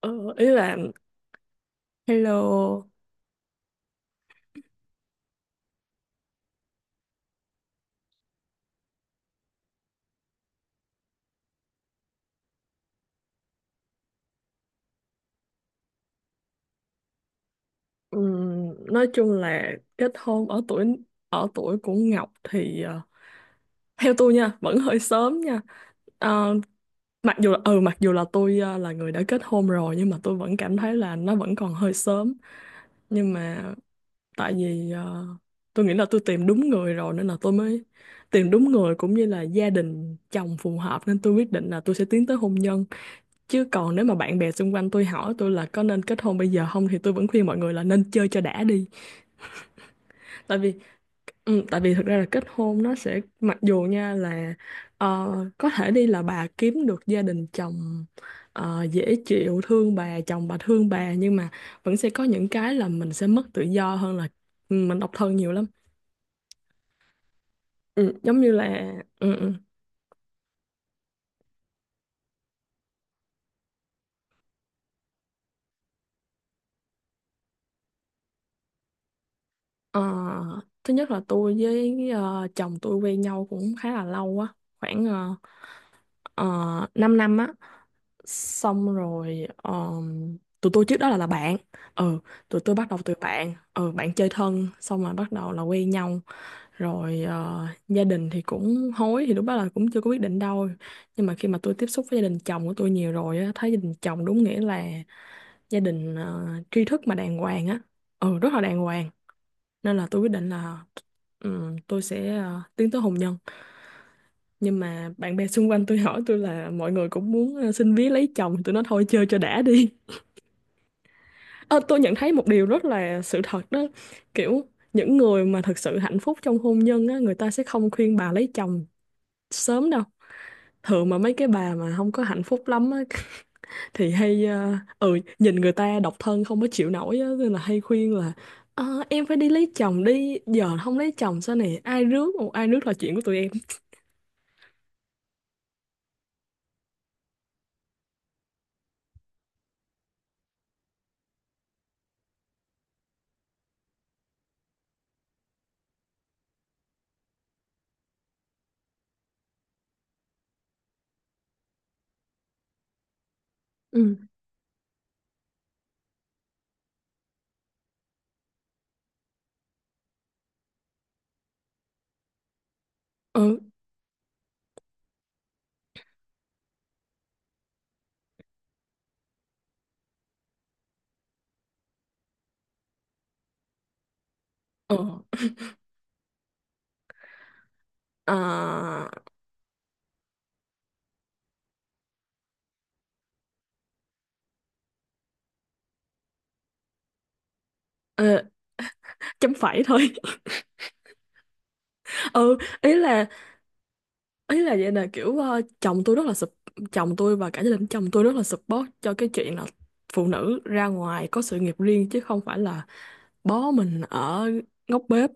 Ờ, ý là hello. Nói chung là kết hôn ở tuổi của Ngọc thì theo tôi nha vẫn hơi sớm nha. Ờ, mặc dù mặc dù là tôi là người đã kết hôn rồi, nhưng mà tôi vẫn cảm thấy là nó vẫn còn hơi sớm. Nhưng mà tại vì tôi nghĩ là tôi tìm đúng người rồi nên là tôi mới tìm đúng người, cũng như là gia đình chồng phù hợp nên tôi quyết định là tôi sẽ tiến tới hôn nhân. Chứ còn nếu mà bạn bè xung quanh tôi hỏi tôi là có nên kết hôn bây giờ không thì tôi vẫn khuyên mọi người là nên chơi cho đã đi. Tại vì tại vì thực ra là kết hôn nó sẽ, mặc dù nha, là ờ, có thể đi là bà kiếm được gia đình chồng dễ chịu, thương bà, chồng bà thương bà, nhưng mà vẫn sẽ có những cái là mình sẽ mất tự do hơn là mình độc thân nhiều lắm. Ừ, giống như là ừ, ừ. Ờ, thứ nhất là tôi với chồng tôi quen nhau cũng khá là lâu á, khoảng 5 năm á. Xong rồi tụi tôi trước đó là bạn, ừ, tụi tôi bắt đầu từ bạn chơi thân xong rồi bắt đầu là quen nhau. Rồi gia đình thì cũng hối, thì lúc đó là cũng chưa có quyết định đâu, nhưng mà khi mà tôi tiếp xúc với gia đình chồng của tôi nhiều rồi á, thấy gia đình chồng đúng nghĩa là gia đình tri thức mà đàng hoàng á, ừ, rất là đàng hoàng. Nên là tôi quyết định là tôi sẽ tiến tới hôn nhân. Nhưng mà bạn bè xung quanh tôi hỏi tôi, là mọi người cũng muốn xin vía lấy chồng, tôi nói thôi chơi cho đã đi. Ờ, tôi nhận thấy một điều rất là sự thật đó, kiểu những người mà thực sự hạnh phúc trong hôn nhân á, người ta sẽ không khuyên bà lấy chồng sớm đâu. Thường mà mấy cái bà mà không có hạnh phúc lắm á thì hay ừ, nhìn người ta độc thân không có chịu nổi á nên là hay khuyên là "Ờ, em phải đi lấy chồng đi, giờ không lấy chồng sao, nè ai rước, một ai rước là chuyện của tụi em". Ừ. Ừ, ừ. Ờ, ờ, chấm phẩy thôi. Ừ, ý là ý là vậy, là kiểu chồng tôi rất là sup, chồng tôi và cả gia đình chồng tôi rất là support cho cái chuyện là phụ nữ ra ngoài có sự nghiệp riêng, chứ không phải là bó mình ở ngóc bếp.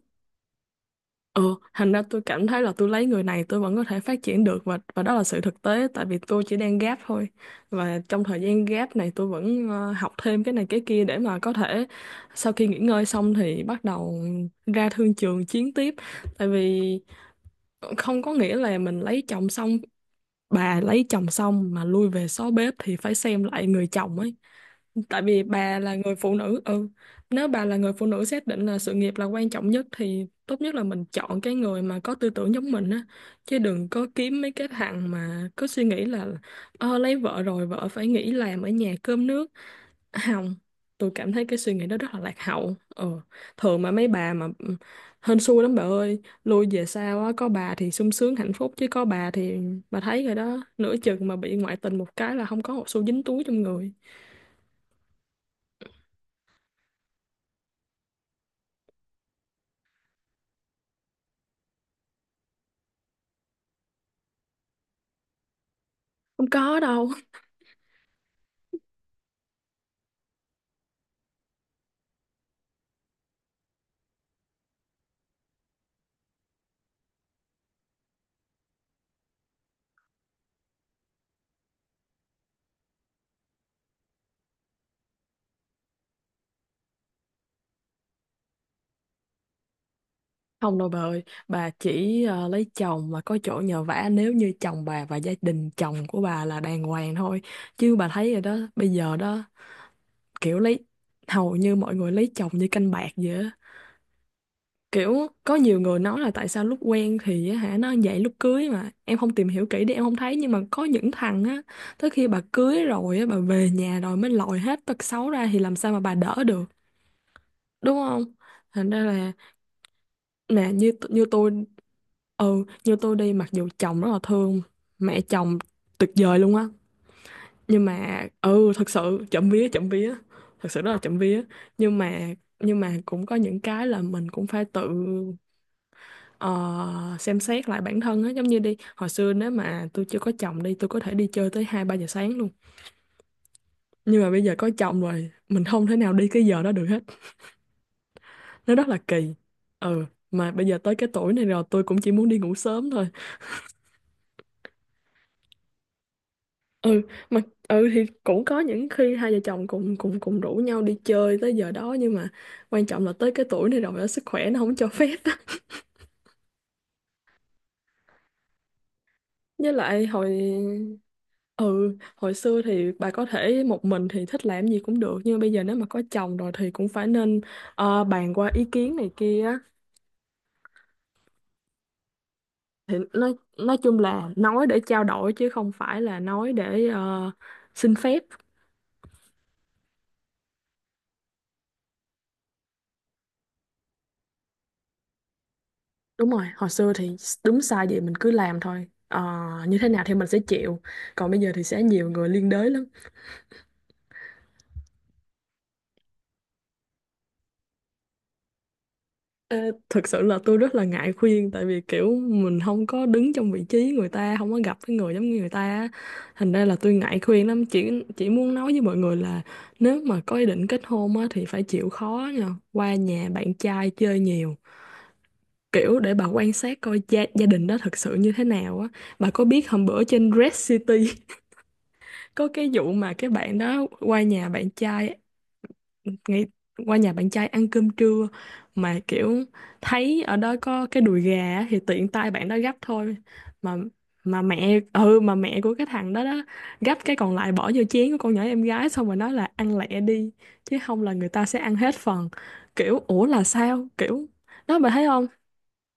Ừ, thành ra tôi cảm thấy là tôi lấy người này tôi vẫn có thể phát triển được, và đó là sự thực tế. Tại vì tôi chỉ đang gap thôi, và trong thời gian gap này tôi vẫn học thêm cái này cái kia để mà có thể sau khi nghỉ ngơi xong thì bắt đầu ra thương trường chiến tiếp. Tại vì không có nghĩa là mình lấy chồng xong, bà lấy chồng xong mà lui về xó bếp thì phải xem lại người chồng ấy. Tại vì bà là người phụ nữ, ừ, nếu bà là người phụ nữ xác định là sự nghiệp là quan trọng nhất thì tốt nhất là mình chọn cái người mà có tư tưởng giống mình á, chứ đừng có kiếm mấy cái thằng mà cứ suy nghĩ là lấy vợ rồi vợ phải nghỉ làm ở nhà cơm nước. Không, tôi cảm thấy cái suy nghĩ đó rất là lạc hậu. Ờ, thường mà mấy bà mà hên xui lắm bà ơi, lui về sau á, có bà thì sung sướng hạnh phúc chứ có bà thì bà thấy rồi đó, nửa chừng mà bị ngoại tình một cái là không có một xu dính túi trong người. Không có đâu. Không đâu bà ơi, bà chỉ lấy chồng và có chỗ nhờ vả nếu như chồng bà và gia đình chồng của bà là đàng hoàng thôi. Chứ bà thấy rồi đó, bây giờ đó kiểu lấy, hầu như mọi người lấy chồng như canh bạc vậy á. Kiểu có nhiều người nói là tại sao lúc quen thì á hả nó vậy, lúc cưới mà em không tìm hiểu kỹ để em không thấy, nhưng mà có những thằng á tới khi bà cưới rồi á, bà về nhà rồi mới lòi hết tật xấu ra thì làm sao mà bà đỡ được, đúng không. Thành ra là nè như tôi, như tôi đi, mặc dù chồng rất là thương, mẹ chồng tuyệt vời luôn á, nhưng mà ừ thật sự chậm vía, chậm vía, thật sự rất là chậm vía. Nhưng mà nhưng mà cũng có những cái là mình cũng phải tự ờ, xem xét lại bản thân á, giống như đi, hồi xưa nếu mà tôi chưa có chồng đi tôi có thể đi chơi tới hai ba giờ sáng luôn, nhưng mà bây giờ có chồng rồi mình không thể nào đi cái giờ đó được hết, nó rất là kỳ. Ừ, mà bây giờ tới cái tuổi này rồi tôi cũng chỉ muốn đi ngủ sớm thôi. Ừ, mà ừ thì cũng có những khi hai vợ chồng cùng cùng cùng rủ nhau đi chơi tới giờ đó, nhưng mà quan trọng là tới cái tuổi này rồi á, sức khỏe nó không cho phép á. Với lại hồi, ừ, hồi xưa thì bà có thể một mình thì thích làm gì cũng được, nhưng mà bây giờ nếu mà có chồng rồi thì cũng phải nên bàn qua ý kiến này kia á. Thì nói chung là nói để trao đổi chứ không phải là nói để xin phép. Đúng rồi, hồi xưa thì đúng sai gì mình cứ làm thôi. Ờ, như thế nào thì mình sẽ chịu. Còn bây giờ thì sẽ nhiều người liên đới lắm. Ờ, Thực sự là tôi rất là ngại khuyên, tại vì kiểu mình không có đứng trong vị trí người ta, không có gặp cái người giống như người ta á. Thành ra là tôi ngại khuyên lắm, chỉ muốn nói với mọi người là nếu mà có ý định kết hôn á, thì phải chịu khó nha, qua nhà bạn trai chơi nhiều, kiểu để bà quan sát coi gia đình đó thật sự như thế nào á. Bà có biết hôm bữa trên Red City có cái vụ mà cái bạn đó qua nhà bạn trai, nghĩ, qua nhà bạn trai ăn cơm trưa, mà kiểu thấy ở đó có cái đùi gà á, thì tiện tay bạn đó gắp thôi, mà mà mẹ ừ mà mẹ của cái thằng đó đó gắp cái còn lại bỏ vô chén của con nhỏ em gái xong rồi nói là ăn lẹ đi chứ không là người ta sẽ ăn hết phần. Kiểu ủa là sao, kiểu, đó bạn thấy không.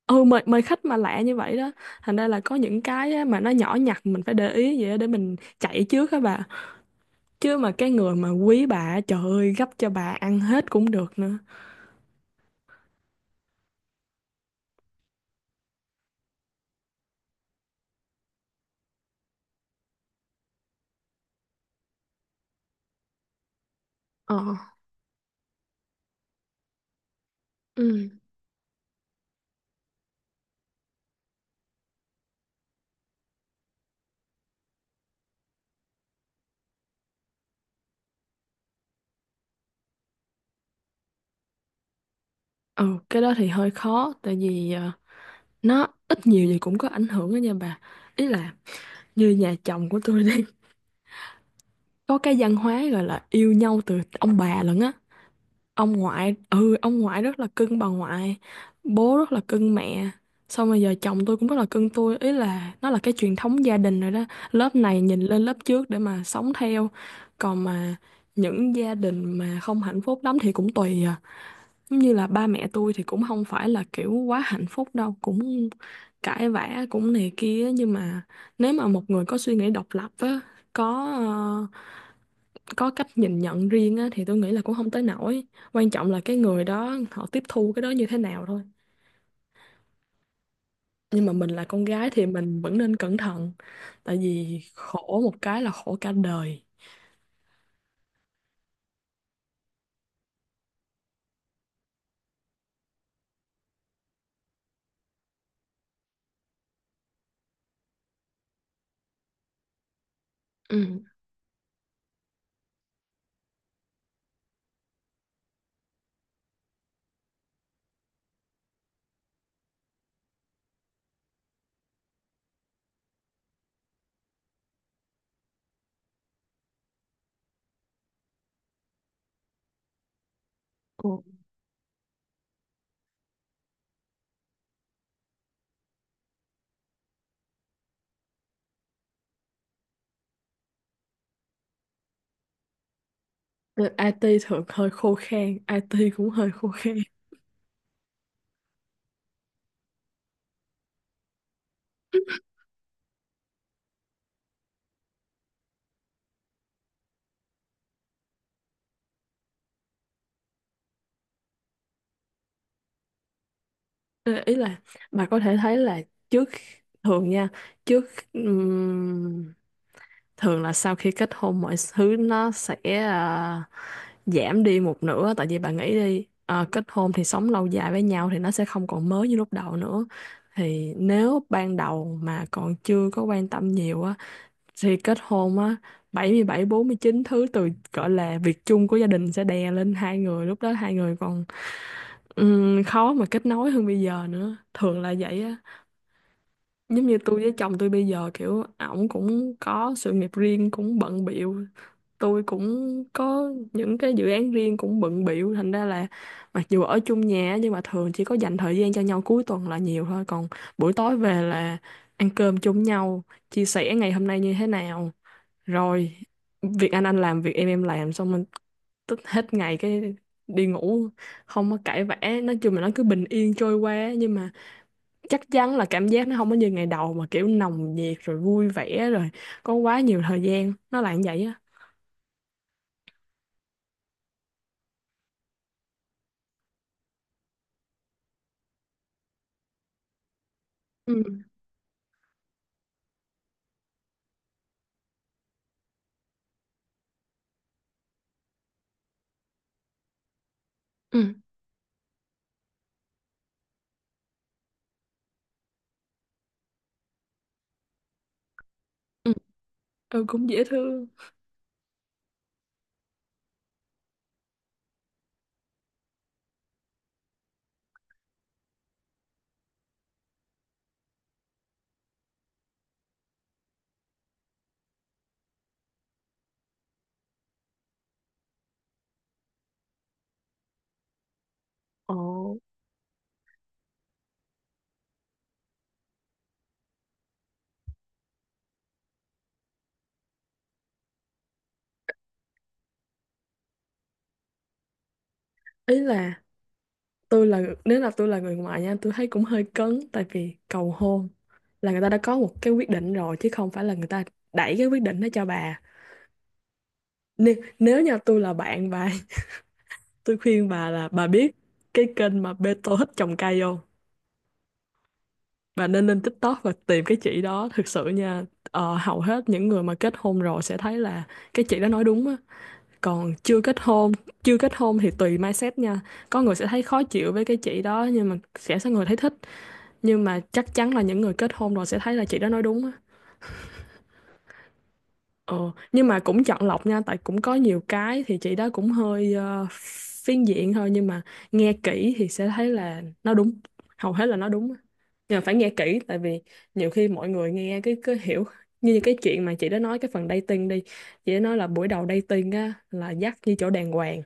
Ừ, mời mời khách mà lạ như vậy đó. Thành ra là có những cái á mà nó nhỏ nhặt mình phải để ý vậy á để mình chạy trước á bà, chứ mà cái người mà quý bà trời ơi gấp cho bà ăn hết cũng được nữa. Ờ. Ừ. Ừ, cái đó thì hơi khó, tại vì nó ít nhiều gì cũng có ảnh hưởng đó nha bà. Ý là như nhà chồng của tôi đi, có cái văn hóa gọi là yêu nhau từ ông bà lận á, ông ngoại rất là cưng bà ngoại, bố rất là cưng mẹ, xong rồi giờ chồng tôi cũng rất là cưng tôi, ý là nó là cái truyền thống gia đình rồi đó, lớp này nhìn lên lớp trước để mà sống theo. Còn mà những gia đình mà không hạnh phúc lắm thì cũng tùy à, giống như là ba mẹ tôi thì cũng không phải là kiểu quá hạnh phúc đâu, cũng cãi vã cũng này kia, nhưng mà nếu mà một người có suy nghĩ độc lập á, có ờ, có cách nhìn nhận riêng á, thì tôi nghĩ là cũng không tới nổi. Quan trọng là cái người đó họ tiếp thu cái đó như thế nào thôi. Nhưng mà mình là con gái thì mình vẫn nên cẩn thận, tại vì khổ một cái là khổ cả đời. Ừ. Ồ. Ừ, IT thường hơi khô khan, IT cũng hơi khô khan. Ờ, Ý là bà có thể thấy là trước, thường nha, trước ừm, thường là sau khi kết hôn mọi thứ nó sẽ, ờ, giảm đi một nửa. Tại vì bà nghĩ đi, kết hôn thì sống lâu dài với nhau thì nó sẽ không còn mới như lúc đầu nữa. Thì nếu ban đầu mà còn chưa có quan tâm nhiều á, thì kết hôn á, bảy bảy mươi bảy bốn mươi chín thứ từ gọi là việc chung của gia đình sẽ đè lên hai người. Lúc đó hai người còn khó mà kết nối hơn bây giờ nữa, thường là vậy á. Giống như tôi với chồng tôi bây giờ, kiểu ổng cũng có sự nghiệp riêng cũng bận bịu, tôi cũng có những cái dự án riêng cũng bận bịu, thành ra là mặc dù ở chung nhà á, nhưng mà thường chỉ có dành thời gian cho nhau cuối tuần là nhiều thôi. Còn buổi tối về là ăn cơm chung nhau, chia sẻ ngày hôm nay như thế nào, rồi việc anh làm, việc em làm, xong mình tức hết ngày cái đi ngủ, không có cãi vã. Nói chung là nó cứ bình yên trôi qua, nhưng mà chắc chắn là cảm giác nó không có như ngày đầu mà kiểu nồng nhiệt rồi vui vẻ rồi có quá nhiều thời gian. Nó là như vậy á. Ừ, ừ, ừ. Ừ, cũng dễ thương. Ý là tôi, là nếu là tôi là người ngoài nha, tôi thấy cũng hơi cấn. Tại vì cầu hôn là người ta đã có một cái quyết định rồi, chứ không phải là người ta đẩy cái quyết định đó cho bà. Nếu như tôi là bạn bà, tôi khuyên bà là, bà biết cái kênh mà Beto thích trồng cây không? Bà nên lên TikTok và tìm cái chị đó thực sự nha. Ờ, hầu hết những người mà kết hôn rồi sẽ thấy là cái chị đó nói đúng á. Còn chưa kết hôn, chưa kết hôn thì tùy mindset nha. Có người sẽ thấy khó chịu với cái chị đó, nhưng mà sẽ có người thấy thích. Nhưng mà chắc chắn là những người kết hôn rồi sẽ thấy là chị đó nói đúng á. Ờ, nhưng mà cũng chọn lọc nha, tại cũng có nhiều cái thì chị đó cũng hơi phiến diện thôi, nhưng mà nghe kỹ thì sẽ thấy là nó đúng, hầu hết là nó đúng. Nhưng mà phải nghe kỹ, tại vì nhiều khi mọi người nghe cái hiểu, như cái chuyện mà chị đã nói cái phần dating đi, chị đã nói là buổi đầu dating á là dắt như chỗ đàng hoàng,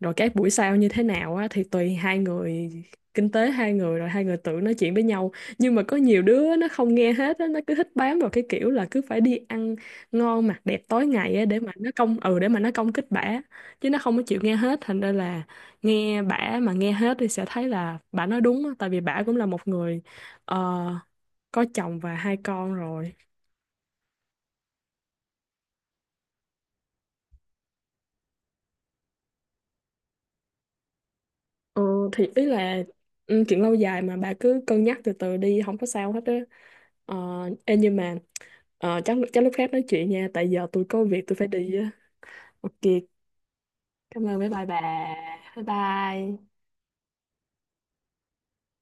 rồi các buổi sau như thế nào á thì tùy hai người, kinh tế hai người, rồi hai người tự nói chuyện với nhau. Nhưng mà có nhiều đứa nó không nghe hết á, nó cứ thích bám vào cái kiểu là cứ phải đi ăn ngon mặc đẹp tối ngày á, để mà nó công, ừ, để mà nó công kích bả, chứ nó không có chịu nghe hết. Thành ra là nghe bả mà nghe hết thì sẽ thấy là bả nói đúng á, tại vì bả cũng là một người ờ, có chồng và hai con rồi. Ờ, thì ý là, ừ, chuyện lâu dài mà, bà cứ cân nhắc từ từ đi, không có sao hết á. ờ, Ê, nhưng mà chắc chắc lúc khác nói chuyện nha, tại giờ tôi có việc tôi phải đi á. Ok, cảm ơn mấy bài bà, bye bye.